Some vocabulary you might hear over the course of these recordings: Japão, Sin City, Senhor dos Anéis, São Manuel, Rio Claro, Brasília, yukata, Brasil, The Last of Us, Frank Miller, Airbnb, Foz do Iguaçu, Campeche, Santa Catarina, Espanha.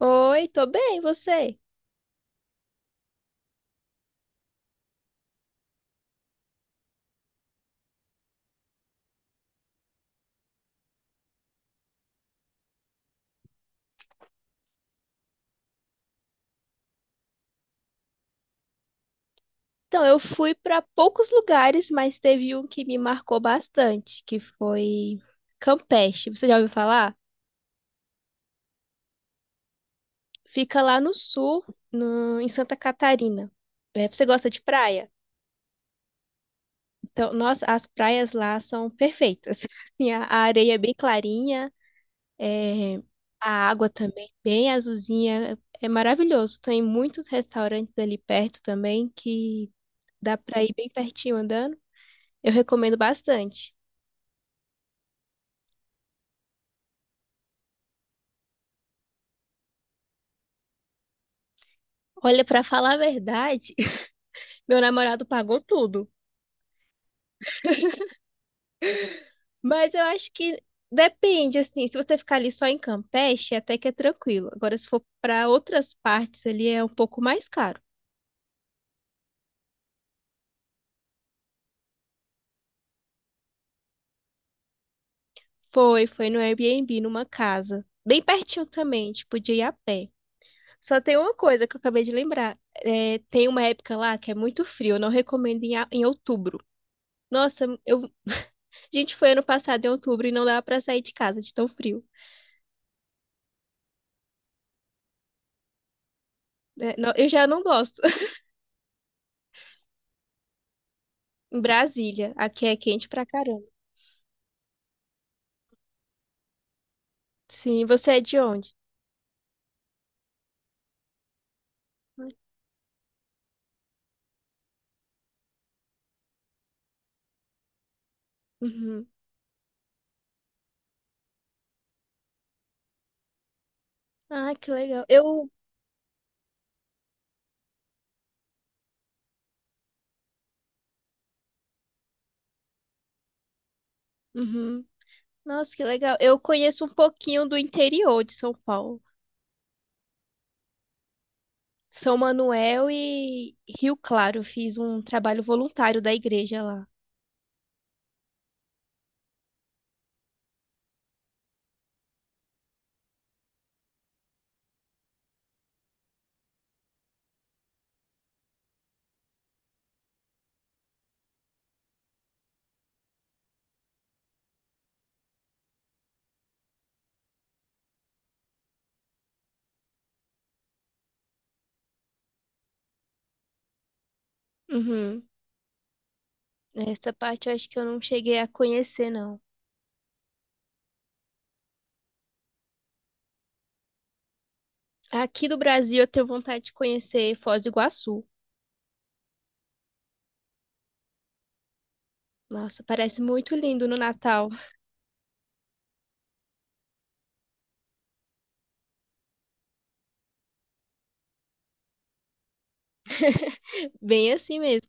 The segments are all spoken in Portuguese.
Oi, tô bem, e você? Então, eu fui para poucos lugares, mas teve um que me marcou bastante, que foi Campeche. Você já ouviu falar? Fica lá no sul, em Santa Catarina. É, você gosta de praia? Então, nossa, as praias lá são perfeitas. Assim, a areia é bem clarinha, é, a água também bem azulzinha. É maravilhoso. Tem muitos restaurantes ali perto também que dá para ir bem pertinho andando. Eu recomendo bastante. Olha, pra falar a verdade, meu namorado pagou tudo. Mas eu acho que depende, assim, se você ficar ali só em Campeche, até que é tranquilo. Agora, se for pra outras partes ali, é um pouco mais caro. Foi no Airbnb, numa casa. Bem pertinho também, tipo, podia ir a pé. Só tem uma coisa que eu acabei de lembrar. É, tem uma época lá que é muito frio, eu não recomendo em, em outubro. Nossa, eu, a gente foi ano passado em outubro e não dava pra sair de casa de tão frio. Né? Eu já não gosto. Em Brasília. Aqui é quente pra caramba. Sim, você é de onde? Uhum. Ah, que legal. Eu. Uhum. Nossa, que legal. Eu conheço um pouquinho do interior de São Paulo. São Manuel e Rio Claro. Fiz um trabalho voluntário da igreja lá. Uhum. Essa parte eu acho que eu não cheguei a conhecer, não. Aqui do Brasil eu tenho vontade de conhecer Foz do Iguaçu. Nossa, parece muito lindo no Natal. Bem assim mesmo.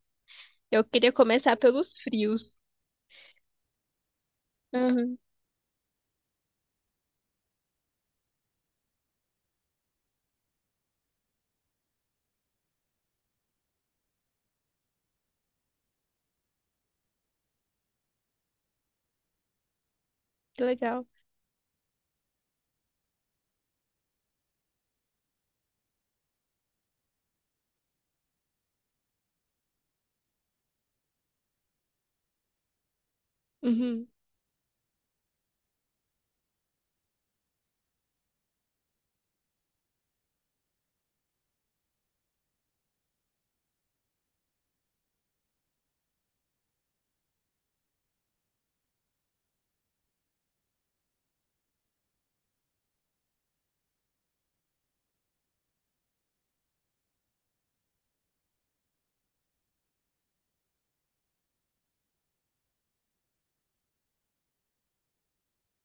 Eu queria começar pelos frios. Que legal. Uhum,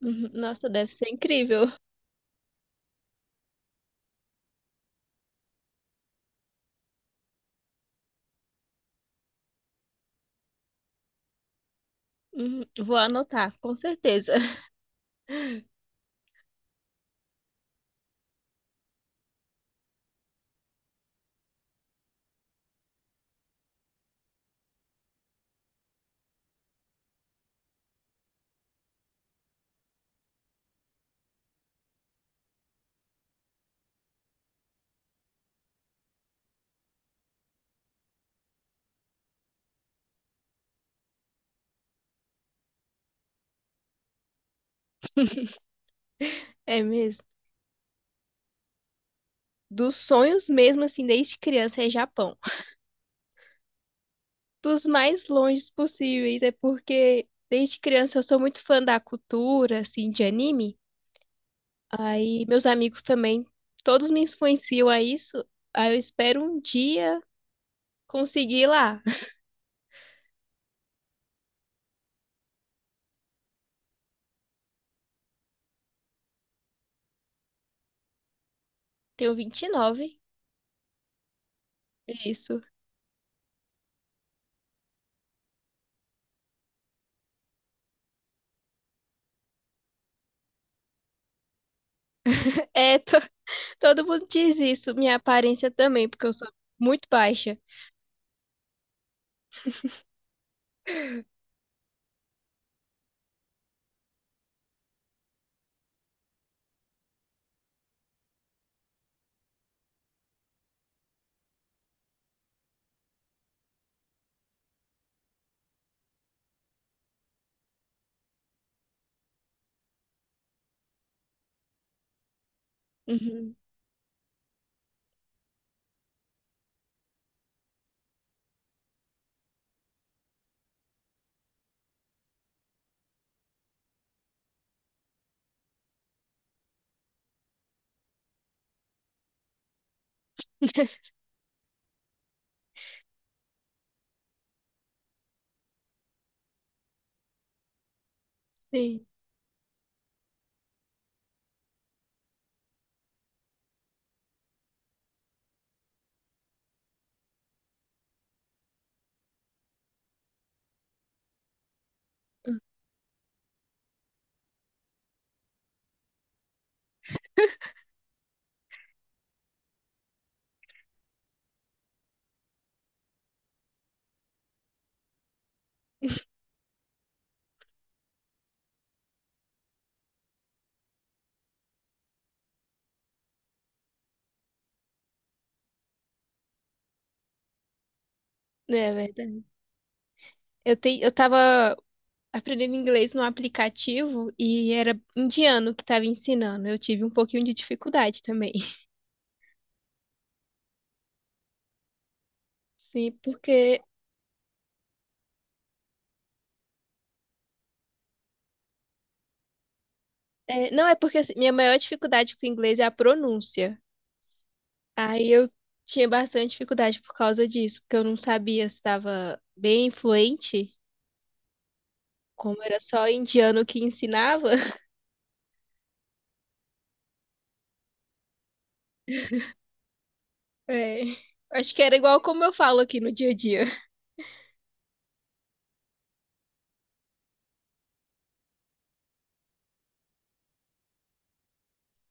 uhum. Nossa, deve ser incrível. Uhum, vou anotar, com certeza. É mesmo. Dos sonhos mesmo, assim, desde criança é Japão. Dos mais longes possíveis, é porque desde criança eu sou muito fã da cultura, assim, de anime. Aí meus amigos também, todos me influenciam a isso. Aí eu espero um dia conseguir ir lá. Tenho 29, é isso. É, todo mundo diz isso. Minha aparência também, porque eu sou muito baixa. Uhum. Sim. É verdade. Eu tava aprendendo inglês no aplicativo e era indiano que tava ensinando. Eu tive um pouquinho de dificuldade também. Sim, porque. É, não, é porque assim, minha maior dificuldade com o inglês é a pronúncia. Aí eu tinha bastante dificuldade por causa disso, porque eu não sabia se estava bem fluente, como era só indiano que ensinava. É, acho que era igual como eu falo aqui no dia a dia.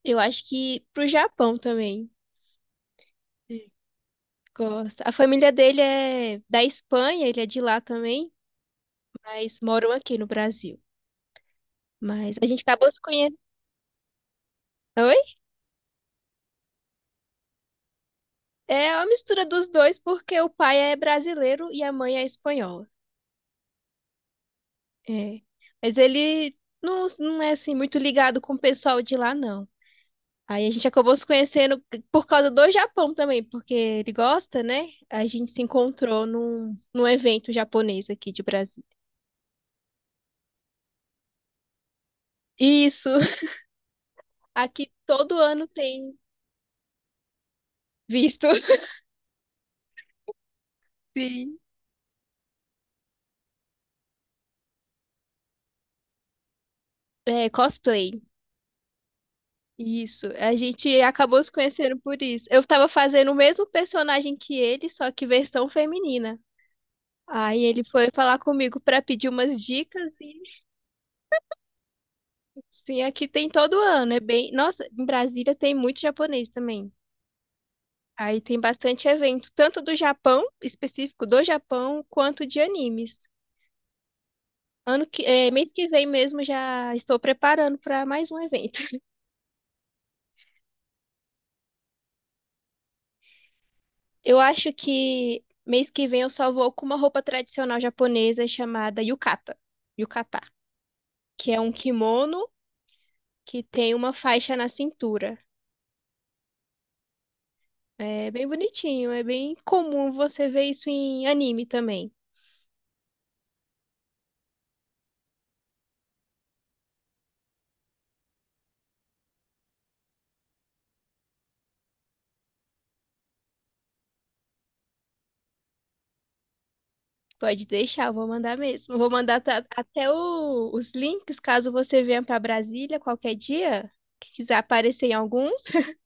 Eu acho que pro Japão também. É. Gosta. A família dele é da Espanha, ele é de lá também, mas moram aqui no Brasil. Mas a gente acabou se conhecendo. Oi? É uma mistura dos dois, porque o pai é brasileiro e a mãe é espanhola. É. Mas ele não é assim muito ligado com o pessoal de lá, não. Aí a gente acabou se conhecendo por causa do Japão também, porque ele gosta, né? A gente se encontrou num evento japonês aqui de Brasil. Isso, aqui todo ano tem visto. Sim. É, cosplay. Isso. A gente acabou se conhecendo por isso. Eu tava fazendo o mesmo personagem que ele, só que versão feminina. Aí ele foi falar comigo pra pedir umas dicas e sim, aqui tem todo ano, é bem, nossa, em Brasília tem muito japonês também. Aí tem bastante evento, tanto do Japão, específico do Japão, quanto de animes. Mês que vem mesmo já estou preparando para mais um evento. Eu acho que mês que vem eu só vou com uma roupa tradicional japonesa chamada yukata, que é um kimono que tem uma faixa na cintura. É bem bonitinho, é bem comum você ver isso em anime também. Pode deixar, eu vou mandar mesmo. Eu vou mandar até os links caso você venha para Brasília qualquer dia, que quiser aparecer em alguns.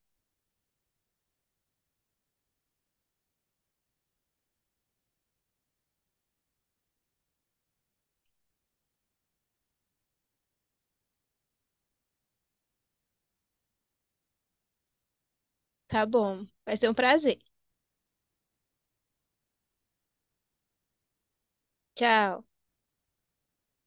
Tá bom, vai ser um prazer. Tchau.